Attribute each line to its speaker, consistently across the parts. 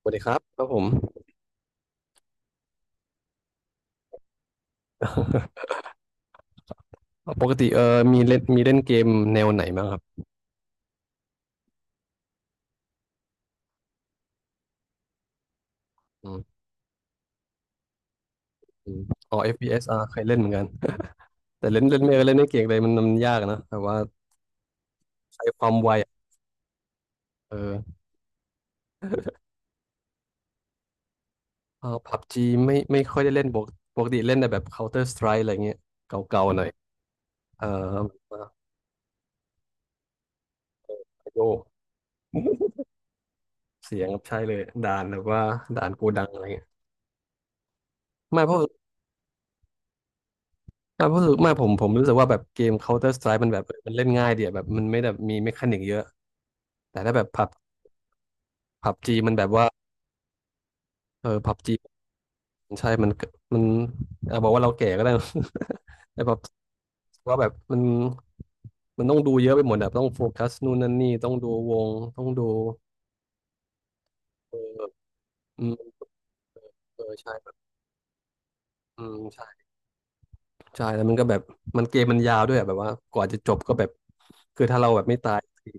Speaker 1: สวัสดีครับครับผมปกติมีเล่นเกมแนวไหนบ้างครับอืมอืมอ๋อ FPS อฟพีเอสเคยเล่นเหมือนกันแต่เล่นเล่นไม่เล่นไม่เก่งเลยมันยากนะแต่ว่าใช้ความไวอะเออเออพับจีไม่ค่อยได้เล่นปกติเล่นแต่แบบ Counter Strike อะไรเงี้ยเก่าๆหน่อยเออมาโยก เสียงครับใช่เลยด่านแบบว่าด่านโกดังอะไรเงี้ยไม่เพราะไม่เพราะรู้สึกไม่ผมผมรู้สึกว่าแบบเกม Counter Strike มันแบบเออมันเล่นง่ายเดียแบบมันไม่แบบมีเมคานิกเยอะแต่ถ้าแบบผับจีมันแบบว่า เออพับจีใช่มันมันอ่ะบอกว่าเราแก่ก็ได้ แต่แบบว่าแบบมันต้องดูเยอะไปหมดแบบต้องโฟกัสนู่นนั่นนี่ต้องดูวงต้องดูเอออืมเออใช่แบบอืมใช่ใช่แล้วมันก็แบบมันเกมมันยาวด้วยอะแบบว่ากว่าจะจบก็แบบคือถ้าเราแบบไม่ตายที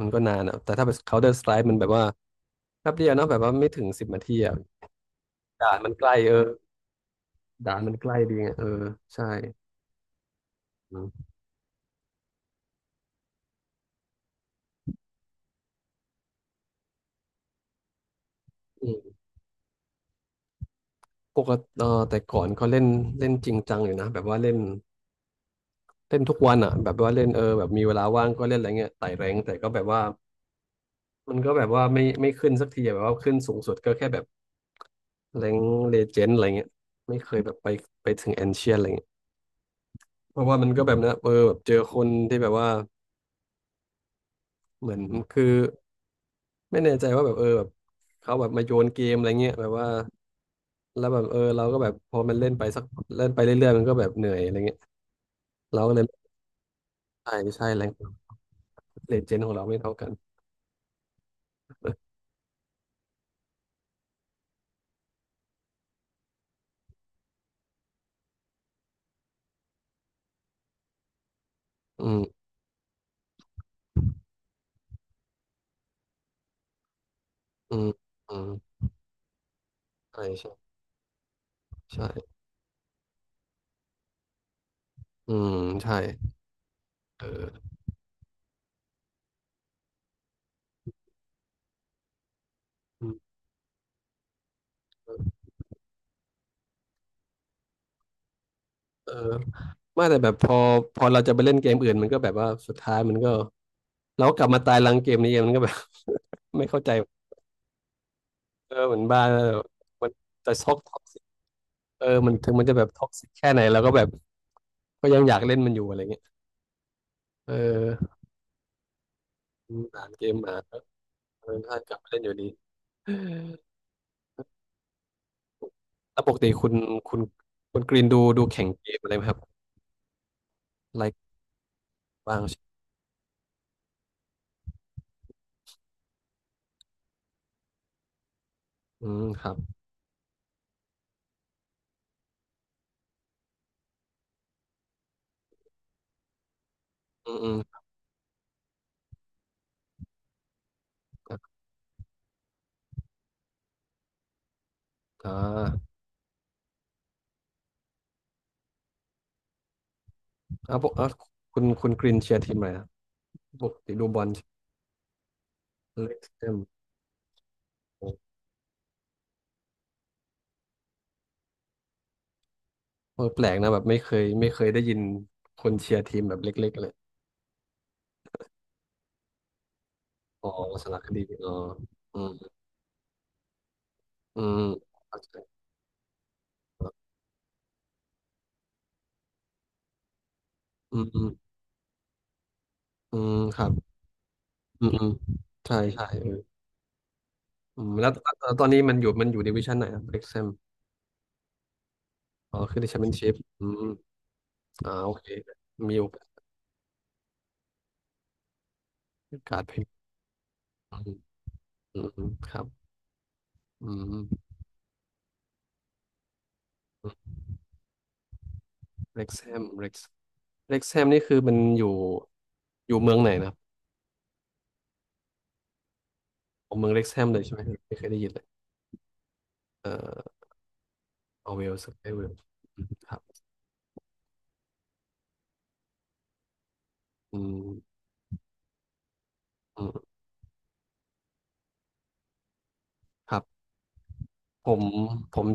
Speaker 1: มันก็นานอะแต่ถ้าเป็น Counter Strike มันแบบว่าแป๊บเดียวเนอะแบบว่าไม่ถึงสิบนาทีอะด่านมันใกล้เออด่านมันใกล้ดีไงเออใช่อืม ปกติเออแต่ก่อนก็เล่นเล่นจริงจังอยู่นะแบบว่าเล่นเล่นทุกวันอ่ะแบบว่าเล่นเออแบบมีเวลาว่างก็เล่นอะไรเงี้ยไต่แรงค์แต่ก็แบบว่ามันก็แบบว่าไม่ขึ้นสักทีอะแบบว่าขึ้นสูงสุดก็แค่แบบแรงเลเจนด์อะไรเงี้ยไม่เคยแบบไปถึงแอนเชียนอะไรเงี้ยเพราะว่ามันก็แบบนะเออแบบเจอคนที่แบบว่าเหมือนคือไม่แน่ใจว่าแบบเออแบบเขาแบบมาโยนเกมอะไรเงี้ยแบบว่าแล้วแบบเออเราก็แบบพอมันเล่นไปสักเล่นไปเรื่อยๆมันก็แบบเหนื่อยอะไรเงี้ยเราก็เลยไม่ใช่ใช่แรงเลเจนด์ของเราไม่เท่ากัน อืมอืมอืมใช่ใช่ใช่อืมใช่เอออืมเออไม่แต่แบบพอเราจะไปเล่นเกมอื่นมันก็แบบว่าสุดท้ายมันก็เรากลับมาตายรังเกมนี้เองมันก็แบบ ไม่เข้าใจเออเหมือนบ้านแล้วมันจะท็อกซิกเออมันถึงมันจะแบบท็อกซิกแค่ไหนเราก็แบบก็ยังอยากเล่นมันอยู่อะไรเงี้ยเอออ่านเกมอ่านเออถ้ากลับมาเล่นอยู่ดีแล้วปกติคุณคุณกรีนดูแข่งเกมอะไรไหมครับไลค์บ้างใช่ไหมอืมครับอืมอืม อ่าอ่ะคุณกรินเชียร์ทีมอะไรครับปกติดูบอลเล็กเตมเออแปลกนะแบบไม่เคยได้ยินคนเชียร์ทีมแบบเล็กๆเลยอ๋อสารคดีอ๋ออืมอืมเข้าใจอืมอืมอืมครับอืมอืมใช่ใช่เอออืมแล้วตอนนี้มันอยู่ดิวิชั่นไหนครับเล็กเซมอ๋อคือดิแชมเปี้ยนชิพอืมอ่าโอเคมีโอกาสไปอืมอืมอืมครับอืมเล็กเซมเล็ก เล็กแฮมนี่คือมันอยู่อยู่เมืองไหนนะครับเเมืองเล็กแฮมเลยใช่ไหมไม่เคยได้ยินเลยเอ่อเอาเวลส์เอเวลครับอืมอืมครับผมผม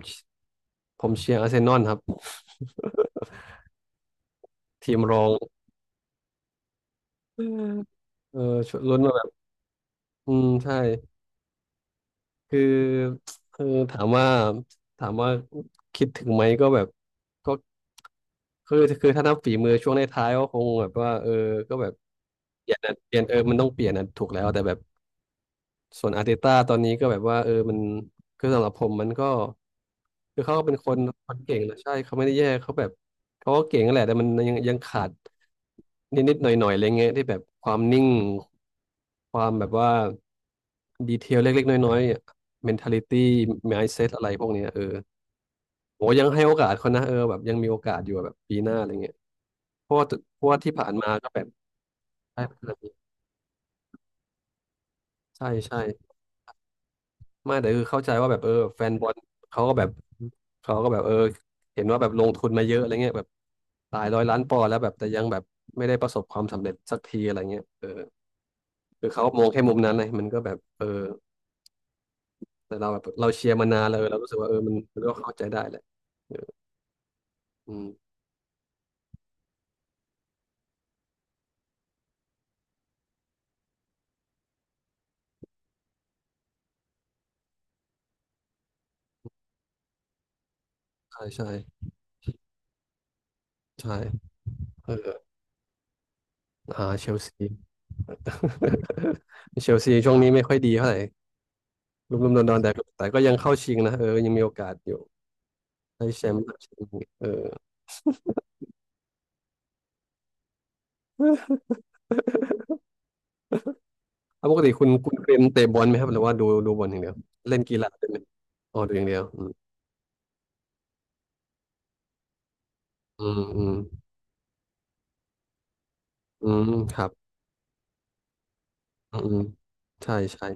Speaker 1: ผมเชียร์อาร์เซนอลครับทีมรองอืมเออชวนลุ้นมาแบบอืมใช่คือคือถามว่าถามว่าคิดถึงไหมก็แบบก็คือถ้านับฝีมือช่วงในท้ายๆก็คงแบบว่าเออก็แบบเปลี่ยนเออมันต้องเปลี่ยนอะถูกแล้วแต่แบบ ส่วนอาร์เตต้าตอนนี้ก็แบบว่าเออมันคือสำหรับผมมันก็คือเขาก็เป็นคนเก่งแหละใช่เขาไม่ได้แย่เขาแบบเขาก็เก่งนั่นแหละแต่มันยังขาดนิดหน่อยหน่อยๆอะไรเงี้ยที่แบบความนิ่งความแบบว่าดีเทลเล็กๆน้อยๆ mentality mindset อะไรพวกเนี้ยเออโหยังให้โอกาสเขานะเออแบบยังมีโอกาสอยู่อะแบบปีหน้าอะไรเงี้ยเพราะว่าเพราะว่าที่ผ่านมาก็แบบใช่ใช่ใช่ ไม่แต่คือเข้าใจว่าแบบเออแฟนบอลเขาก็แบบเขาก็แบบเออเห็นว่าแบบลงทุนมาเยอะอะไรเงี้ยแบบหลายร้อยล้านปอนด์แล้วแบบแต่ยังแบบไม่ได้ประสบความสำเร็จสักทีอะไรเงี้ยเออคือเขามองแค่มุมนั้นเลยมันก็แบบเออแต่เราแบบเราเชียร์มานานแล้วเออเรารู้สึกว่าเออมันก็เข้าใจได้แหละเอออืมใช่ใช่ใช่เอออ่าเชลซี เชลซีช่วงนี้ไม่ค่อยดีเท่าไหร่ลุ่มๆดอนๆแต่ก็ยังเข้าชิงนะเออยังมีโอกาสอยู่ได้แชมป์เออ แล้วปกติคุณเป็นเตะบอลไหมครับหรือว่าดูบอลอย่างเดียวเล่นกีฬาด้วยไหมอ๋อดูอย่างเดียวอืมอืมอืมอืมครับอืมอืมใช่ใช่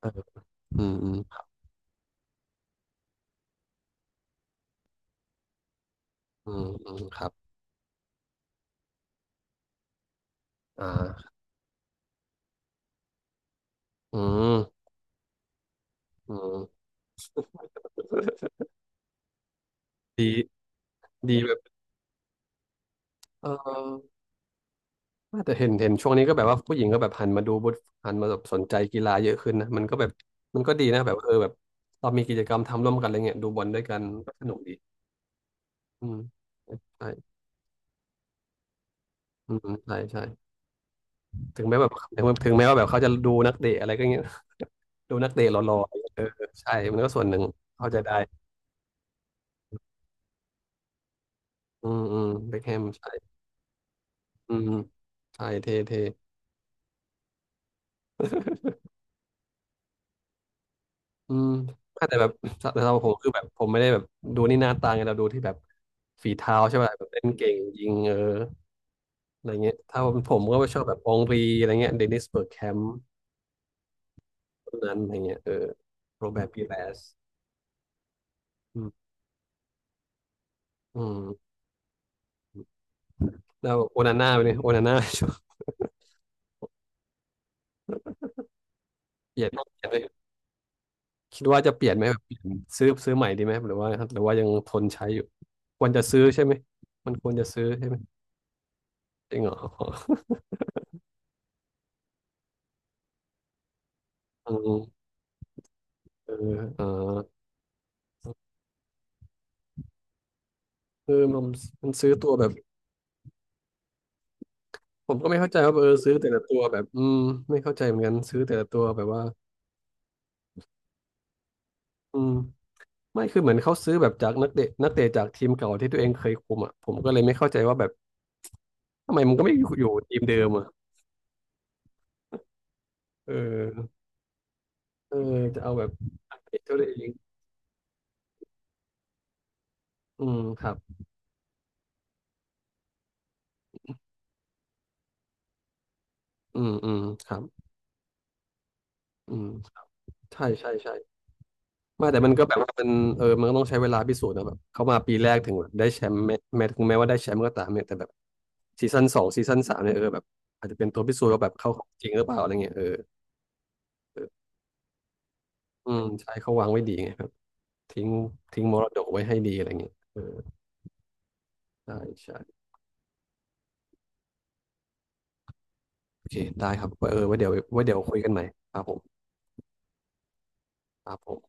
Speaker 1: เอออืมอืมอืมอืมครับอ่าอืมอืม ดีดีแบบเออแต่เห็นช่วงนี้ก็แบบว่าผู้หญิงก็แบบหันมาดูบุตหันมาแบบสนใจกีฬาเยอะขึ้นนะมันก็แบบมันก็ดีนะแบบเออแบบเรามีกิจกรรมทำร่วมกันอะไรเงี้ยดูบอลด้วยกันก็สนุกดีอืมใช่อืมใช่ใช่ ถึงแม้แบบถึงแม้ว่าแบบเขาจะดูนักเตะอะไรก็เงี้ยดูนักเตะหล่อๆอะไรเงี้ยเออใช่มันก็ส่วนหนึ่งเข้าใจได้อืมอืมเบคแฮมใช่อืมใช่เท่เท่อืมแต่แบบแต่เราผมคือแบบผมไม่ได้แบบดูนี่หน้าตาไงเราดูที่แบบฝีเท้าใช่ไหมแบบเล่นเก่งยิงเอออะไรเงี้ยถ้าผมก็ชอบแบบองรีอะไรเงี้ยเดนิสเบิร์กแคมป์พวกนั้นอะไรเงี้ยเออโรแบร์ตปีแรสอืมอืมแล้วโอนาน่าไปเนี่ยโอนาน่า เกลียดเกลียด คิดว่าจะเปลี่ยนไหมแบบเปลี่ยนซื้อใหม่ดีไหมหรือว่าหรือว่ายังทนใช้อยู่ควรจะซื้อใช่ไหมมันควรจะซื้อใช่ไหมจริงเหรออืมเออเออเออมันซื้อตัวแบบผมก็ไม่เข้าใจว่าเออซื้อแต่ละตัวแบบอืมไม่เข้าใจเหมือนกันซื้อแต่ละตัวแบบว่าอืมไม่คือเหมือนเขาซื้อแบบจากนักเตะจากทีมเก่าที่ตัวเองเคยคุมอ่ะผมก็เลยไม่เข้าใจว่าแบบทำไมมันก็ไม่อยู่ทีมเดิมอ่ะเออเออจะเอาแบบนักเตะตัวเองอืมครับอืมอืมครับอืมใช่ใช่ใช่ ไม่แต่มันก็แบบว่ามันเออมันก็ต้องใช้เวลาพิสูจน์นะแบบเข้ามาปีแรกถึงแบบได้แชมป์แม้ถึงแม้ว่าได้แชมป์ก็ตามเนี่ยแต่แบบซีซั่นสองซีซั่นสามเนี่ยเออแบบอาจจะเป็นตัวพิสูจน์ว่าแบบเขาจริงหรือเปล่าอะไรเงี้ยเอออืมใช่เขาวางไว้ดีไงครับทิ้งทิ้งมรดกไว้ให้ดีอะไรเงี้ยเออใช่ใช่โอเคได้ครับไวเออไว้เดี๋ยวคุยกันใหม่ครับผมครับผม